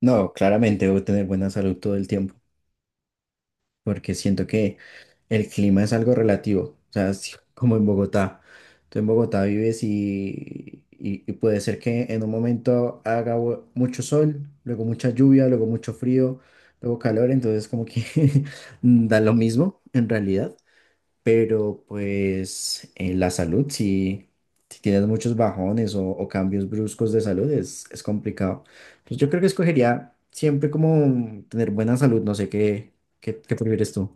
No, claramente debo tener buena salud todo el tiempo, porque siento que el clima es algo relativo, o sea, es como en Bogotá. Tú en Bogotá vives y puede ser que en un momento haga mucho sol, luego mucha lluvia, luego mucho frío, luego calor, entonces como que da lo mismo en realidad. Pero pues en la salud, si, si tienes muchos bajones o cambios bruscos de salud, es complicado. Pues yo creo que escogería siempre como tener buena salud, no sé qué, qué prefieres tú.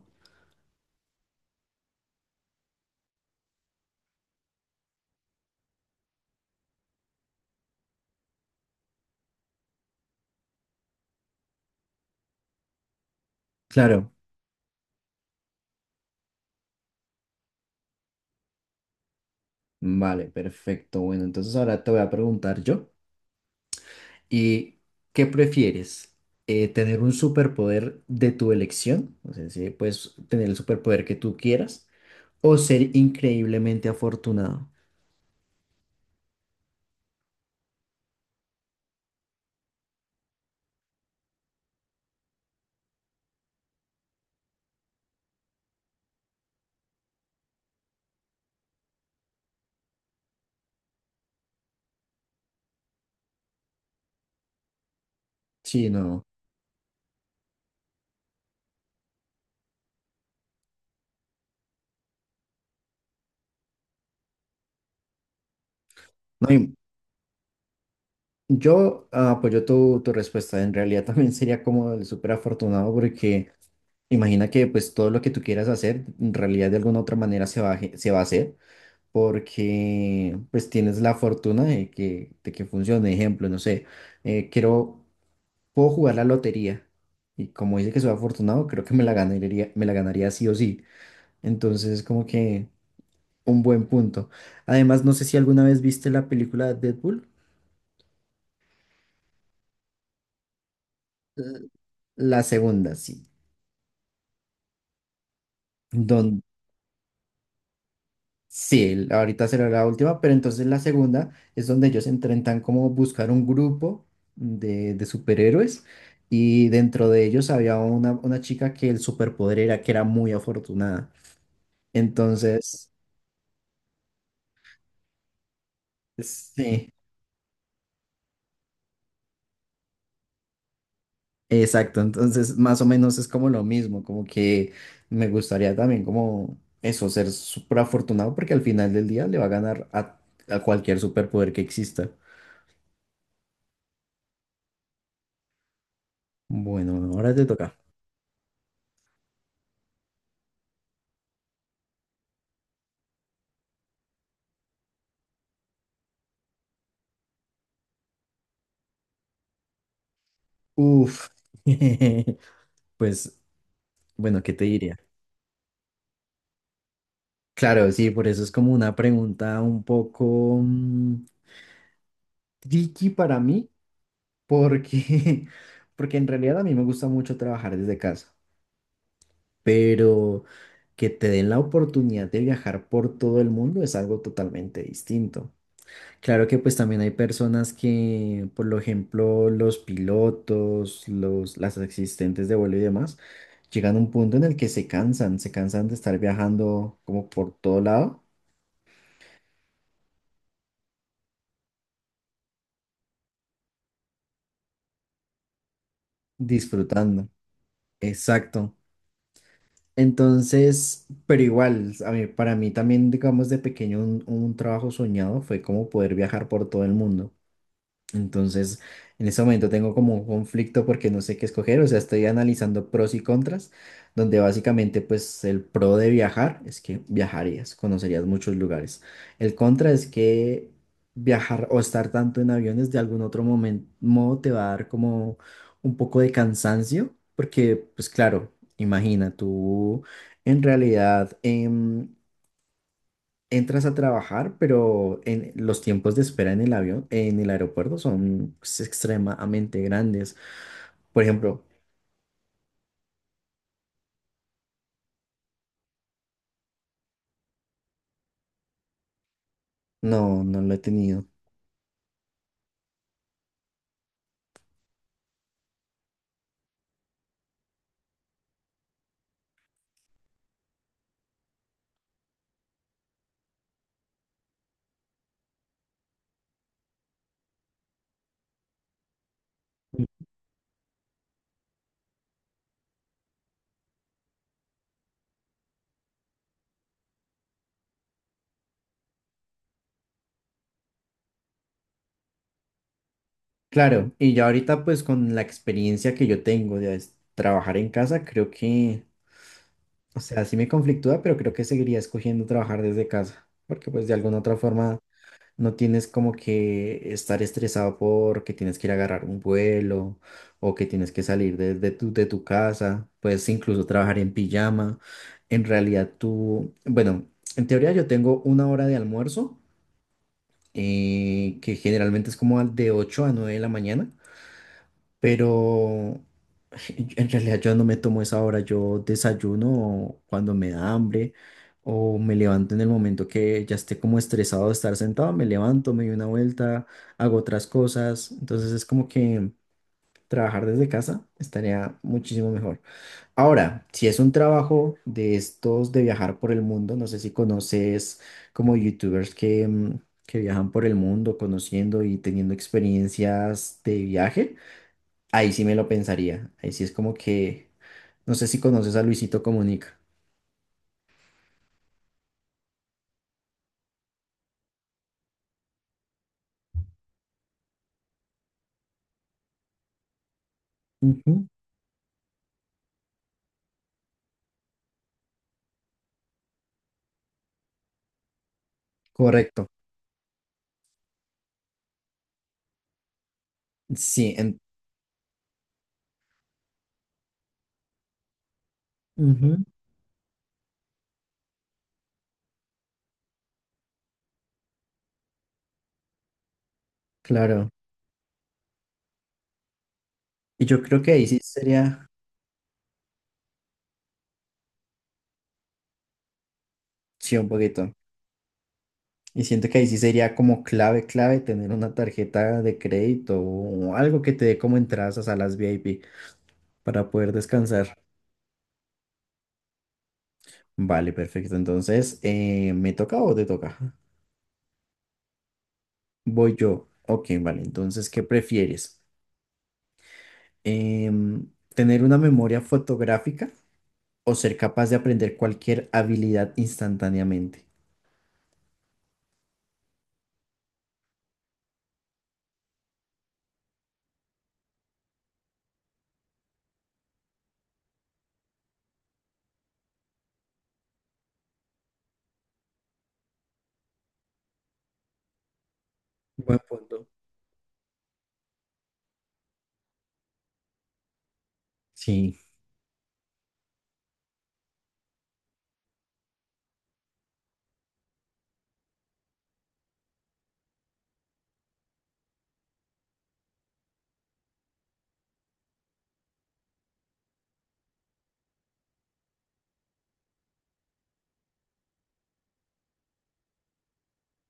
Claro, vale, perfecto. Bueno, entonces ahora te voy a preguntar yo. ¿Y qué prefieres? ¿Tener un superpoder de tu elección? O sea, si puedes tener el superpoder que tú quieras o ser increíblemente afortunado. Sí, no. No, y- Yo apoyo tu respuesta. En realidad también sería como el súper afortunado porque imagina que pues todo lo que tú quieras hacer en realidad de alguna otra manera se va a, se va a hacer porque pues tienes la fortuna de que funcione. Ejemplo, no sé, eh, quiero, puedo jugar la lotería y como dice que soy afortunado, creo que me la ganaría sí o sí. Entonces es como que un buen punto. Además, no sé si alguna vez viste la película de Deadpool. L- La segunda, sí donde sí, ahorita será la última, pero entonces la segunda es donde ellos intentan como buscar un grupo de superhéroes y dentro de ellos había una chica que el superpoder era que era muy afortunada. Entonces, sí, exacto, entonces más o menos es como lo mismo, como que me gustaría también como eso, ser súper afortunado porque al final del día le va a ganar a cualquier superpoder que exista. Bueno, ahora te toca. Uf. Pues bueno, ¿qué te diría? Claro, sí, por eso es como una pregunta un poco tricky para mí, porque, porque en realidad a mí me gusta mucho trabajar desde casa, pero que te den la oportunidad de viajar por todo el mundo es algo totalmente distinto. Claro que pues también hay personas que, por lo ejemplo, los pilotos, las asistentes de vuelo y demás, llegan a un punto en el que se cansan de estar viajando como por todo lado, disfrutando. Exacto. Entonces, pero igual, a mí, para mí también, digamos, de pequeño un trabajo soñado fue como poder viajar por todo el mundo. Entonces, en ese momento tengo como un conflicto porque no sé qué escoger, o sea, estoy analizando pros y contras, donde básicamente pues el pro de viajar es que viajarías, conocerías muchos lugares. El contra es que viajar o estar tanto en aviones de algún otro momento, modo te va a dar como un poco de cansancio, porque pues claro, imagina tú en realidad entras a trabajar, pero en, los tiempos de espera en el avión, en el aeropuerto son pues, extremadamente grandes. Por ejemplo, no, no lo he tenido. Claro, y ya ahorita pues con la experiencia que yo tengo de trabajar en casa, creo que, o sea, sí me conflictúa, pero creo que seguiría escogiendo trabajar desde casa, porque pues de alguna otra forma no tienes como que estar estresado porque tienes que ir a agarrar un vuelo o que tienes que salir de de tu casa. Puedes incluso trabajar en pijama. En realidad tú, bueno, en teoría yo tengo una hora de almuerzo que generalmente es como de 8 a 9 de la mañana, pero en realidad yo no me tomo esa hora, yo desayuno cuando me da hambre o me levanto en el momento que ya esté como estresado de estar sentado, me levanto, me doy una vuelta, hago otras cosas, entonces es como que trabajar desde casa estaría muchísimo mejor. Ahora, si es un trabajo de estos de viajar por el mundo, no sé si conoces como youtubers que... que viajan por el mundo conociendo y teniendo experiencias de viaje. Ahí sí me lo pensaría. Ahí sí es como que, no sé si conoces a Luisito Comunica. Ujú, correcto. Sí, ujú. Claro. Y yo creo que ahí sí sería, sí, un poquito. Y siento que ahí sí sería como clave, clave tener una tarjeta de crédito o algo que te dé como entradas a salas VIP para poder descansar. Vale, perfecto. Entonces, ¿me toca o te toca? Voy yo. Ok, vale. Entonces, ¿qué prefieres? Em, ¿Tener una memoria fotográfica o ser capaz de aprender cualquier habilidad instantáneamente? Buen punto. Sí,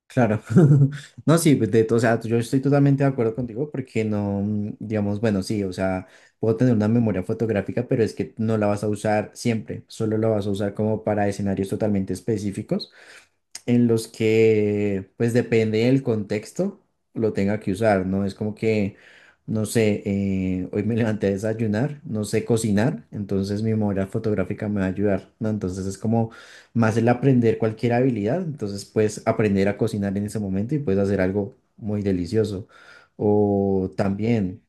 claro. No, sí, pues, o sea, yo estoy totalmente de acuerdo contigo porque no, digamos, bueno, sí, o sea, puedo tener una memoria fotográfica, pero es que no la vas a usar siempre, solo la vas a usar como para escenarios totalmente específicos, en los que, pues depende del contexto, lo tenga que usar, ¿no? Es como que, no sé, hoy me levanté a desayunar, no sé cocinar, entonces mi memoria fotográfica me va a ayudar, ¿no? Entonces es como más el aprender cualquier habilidad, entonces puedes aprender a cocinar en ese momento y puedes hacer algo muy delicioso. O también,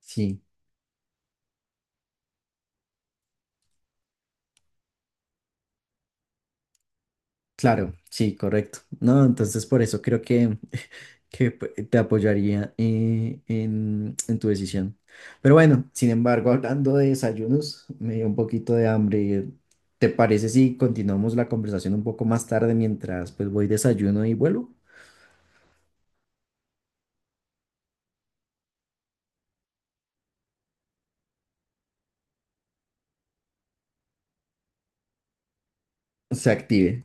sí, claro, sí, correcto. No, entonces por eso creo que te apoyaría en tu decisión. Pero bueno, sin embargo, hablando de desayunos, me dio un poquito de hambre. ¿Te parece si continuamos la conversación un poco más tarde mientras pues voy desayuno y vuelvo? Se active.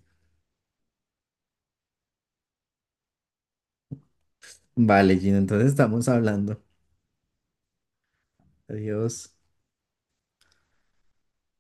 Vale, Gino, entonces estamos hablando. Adiós.